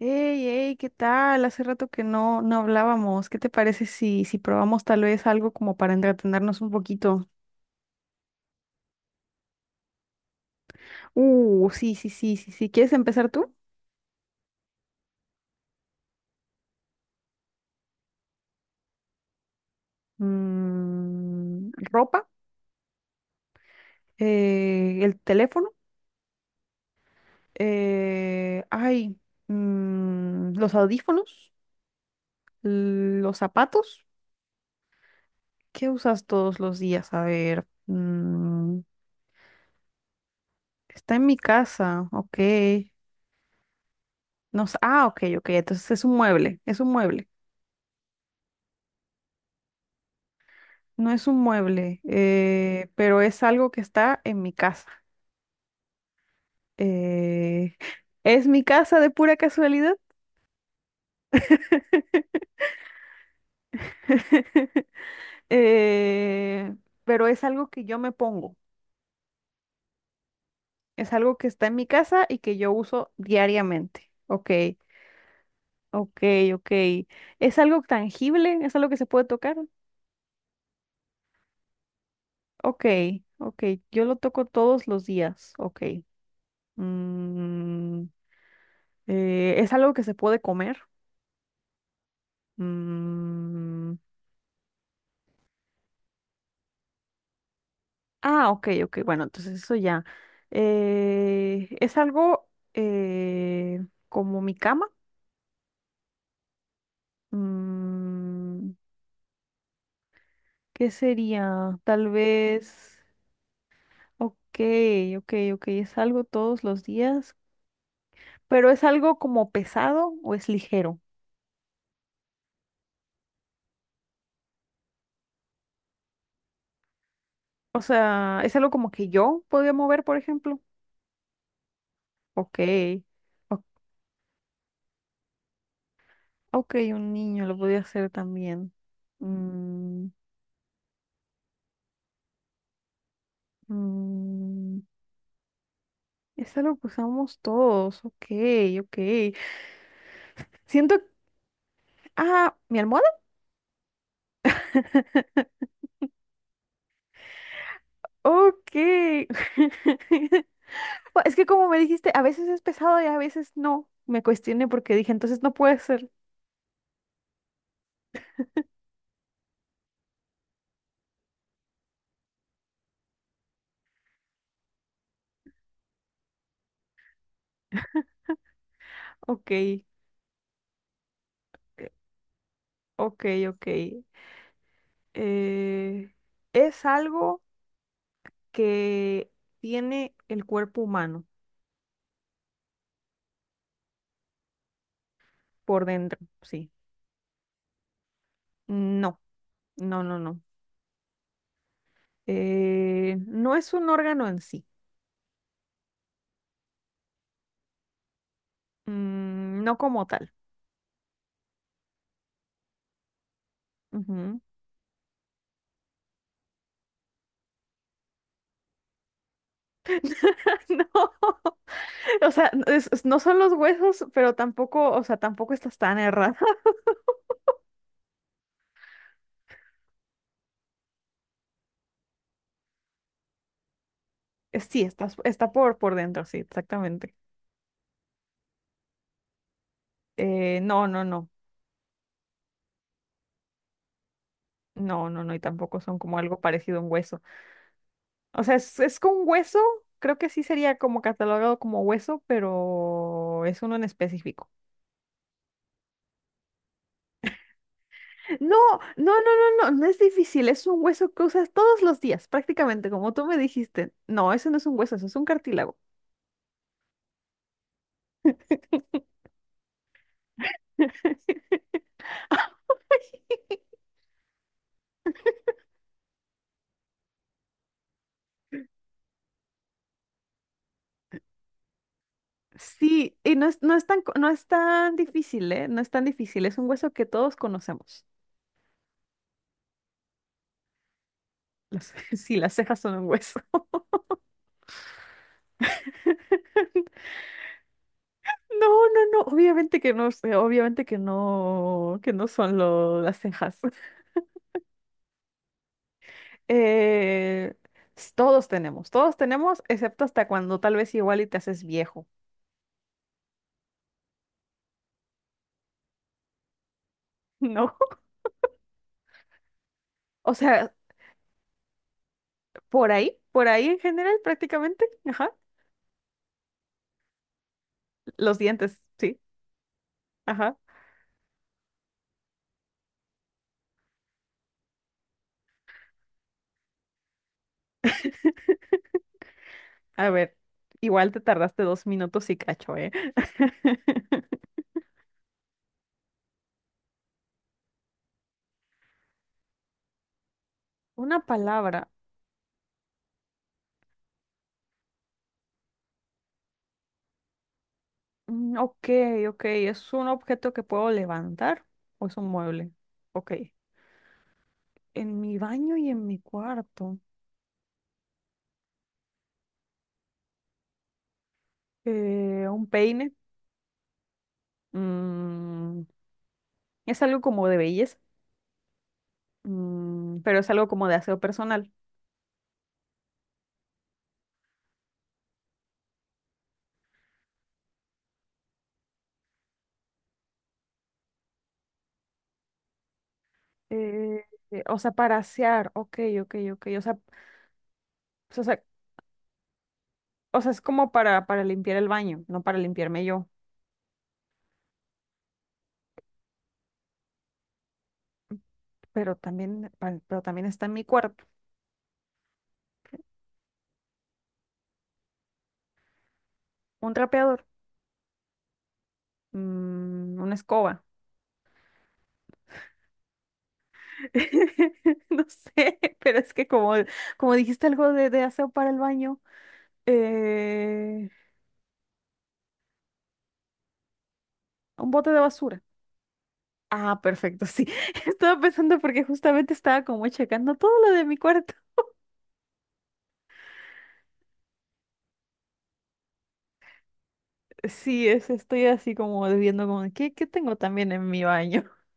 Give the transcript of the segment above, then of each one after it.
Hey, hey, ¿qué tal? Hace rato que no hablábamos. ¿Qué te parece si probamos tal vez algo como para entretenernos un poquito? Sí, sí, sí, sí, sí. ¿Quieres empezar tú? Ropa, el teléfono, ay, los audífonos, los zapatos. ¿Qué usas todos los días? A ver, está en mi casa, ok. No, s- ah, ok, ok. Entonces es un mueble, es un mueble. No es un mueble, pero es algo que está en mi casa. Eh, ¿es mi casa de pura casualidad? Eh, pero es algo que yo me pongo. Es algo que está en mi casa y que yo uso diariamente. Ok, ok, ok. ¿Es algo tangible? ¿Es algo que se puede tocar? Ok, ok. Yo lo toco todos los días. Ok. Mm, ¿Es algo que se puede comer? Mm. Ah, ok, ok, bueno, entonces eso ya. Es algo eh, como mi cama. Mm, ¿Qué sería? Tal vez, ok, ok, ok, es algo todos los días, pero es algo como pesado o es ligero. O sea, es algo como que yo podía mover, por ejemplo. Ok, o- ok, un niño lo podía hacer también. Mm, mm, Esa lo usamos todos. Ok, ok. Siento. Ah, ¿mi almohada? Ok. Bueno, es que como me dijiste, a veces es pesado y a veces no. Me cuestioné porque dije, entonces no puede ser. Ok, ok, ok. Eh, es algo que tiene el cuerpo humano por dentro, sí. No, no, no, no. No es un órgano en sí. Mm, no como tal. Ujú. No, o sea, no son los huesos, pero tampoco, o sea, tampoco estás tan errada. Sí, estás, está por dentro, sí, exactamente. No, no, no, no, no, no, y tampoco son como algo parecido a un hueso. O sea, es con hueso, creo que sí sería como catalogado como hueso, pero es uno en específico. No, no, no, no, no, no es difícil, es un hueso que usas todos los días, prácticamente, como tú me dijiste. No, eso no es un hueso, eso es un cartílago. Sí, no es tan, no es tan difícil, ¿eh? No es tan difícil. Es un hueso que todos conocemos. Sí, las cejas son un hueso. No, no, no. Obviamente que no, sé, obviamente que no son las cejas. Eh, todos tenemos, excepto hasta cuando tal vez igual y te haces viejo, ¿no? O sea, por ahí en general prácticamente, ajá. Los dientes, sí, ajá. A ver, igual te tardaste 2 minutos y cacho, ¿eh? Una palabra. Mm. Ok, ok. ¿Es un objeto que puedo levantar o es un mueble? Ok. En mi baño y en mi cuarto. Un peine. Mm, es algo como de belleza. Mm, pero es algo como de aseo personal. Eh, o sea, para asear. Ok, ok, ok. O sea, o sea, es como para limpiar el baño, no para limpiarme yo. Pero también, pero también está en mi cuarto. Un trapeador. Mm, una escoba. No sé, pero es que como dijiste algo de aseo para el baño, eh, un bote de basura. Ah, perfecto, sí. Estaba pensando porque justamente estaba como checando todo lo de mi cuarto. Sí, estoy así como viendo como, ¿qué tengo también en mi baño?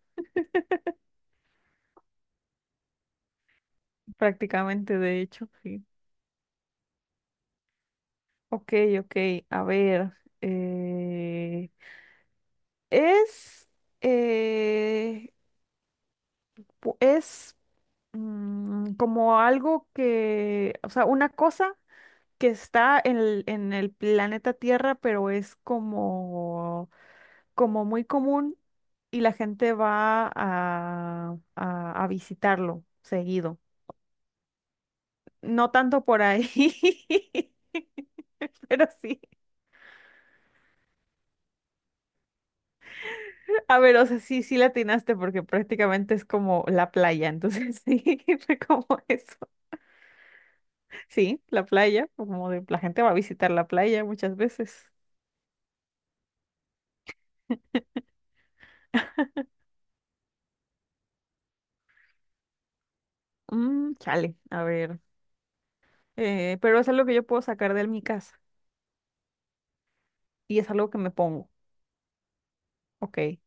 Prácticamente, de hecho, sí. Ok, ok, a ver. eh, es, eh, es como algo que, o sea, una cosa que está en el planeta Tierra, pero es como, como muy común y la gente va a visitarlo seguido. No tanto por ahí, pero sí. A ver, o sea, sí latinaste porque prácticamente es como la playa, entonces sí, fue como eso. Sí, la playa, como de, la gente va a visitar la playa muchas veces. Mm, chale, a ver. Pero es algo que yo puedo sacar de mi casa y es algo que me pongo. Ok.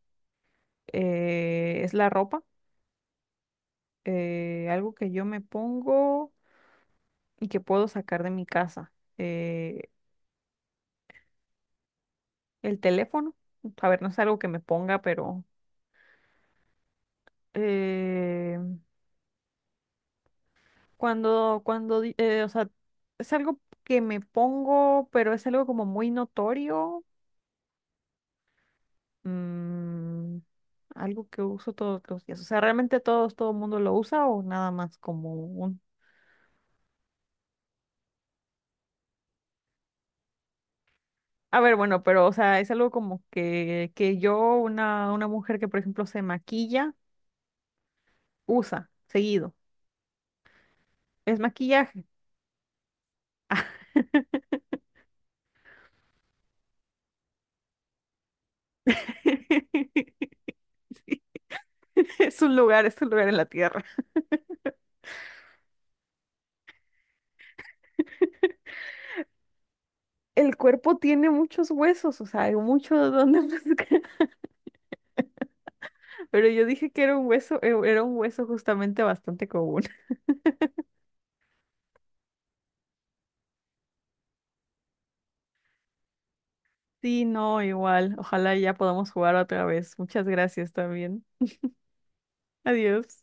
Es la ropa, algo que yo me pongo y que puedo sacar de mi casa. Eh, el teléfono, a ver, no es algo que me ponga, pero eh, o sea, es algo que me pongo, pero es algo como muy notorio. Mm, algo que uso todos los días. O sea, ¿realmente todos, todo el mundo lo usa o nada más como un... A ver, bueno, pero o sea, es algo como que yo, una mujer que por ejemplo se maquilla, usa seguido. Es maquillaje. Es un lugar en la tierra. El cuerpo tiene muchos huesos, o sea, hay mucho de donde buscar. Pero yo dije que era un hueso justamente bastante común. Sí, no, igual. Ojalá ya podamos jugar otra vez. Muchas gracias también. Adiós.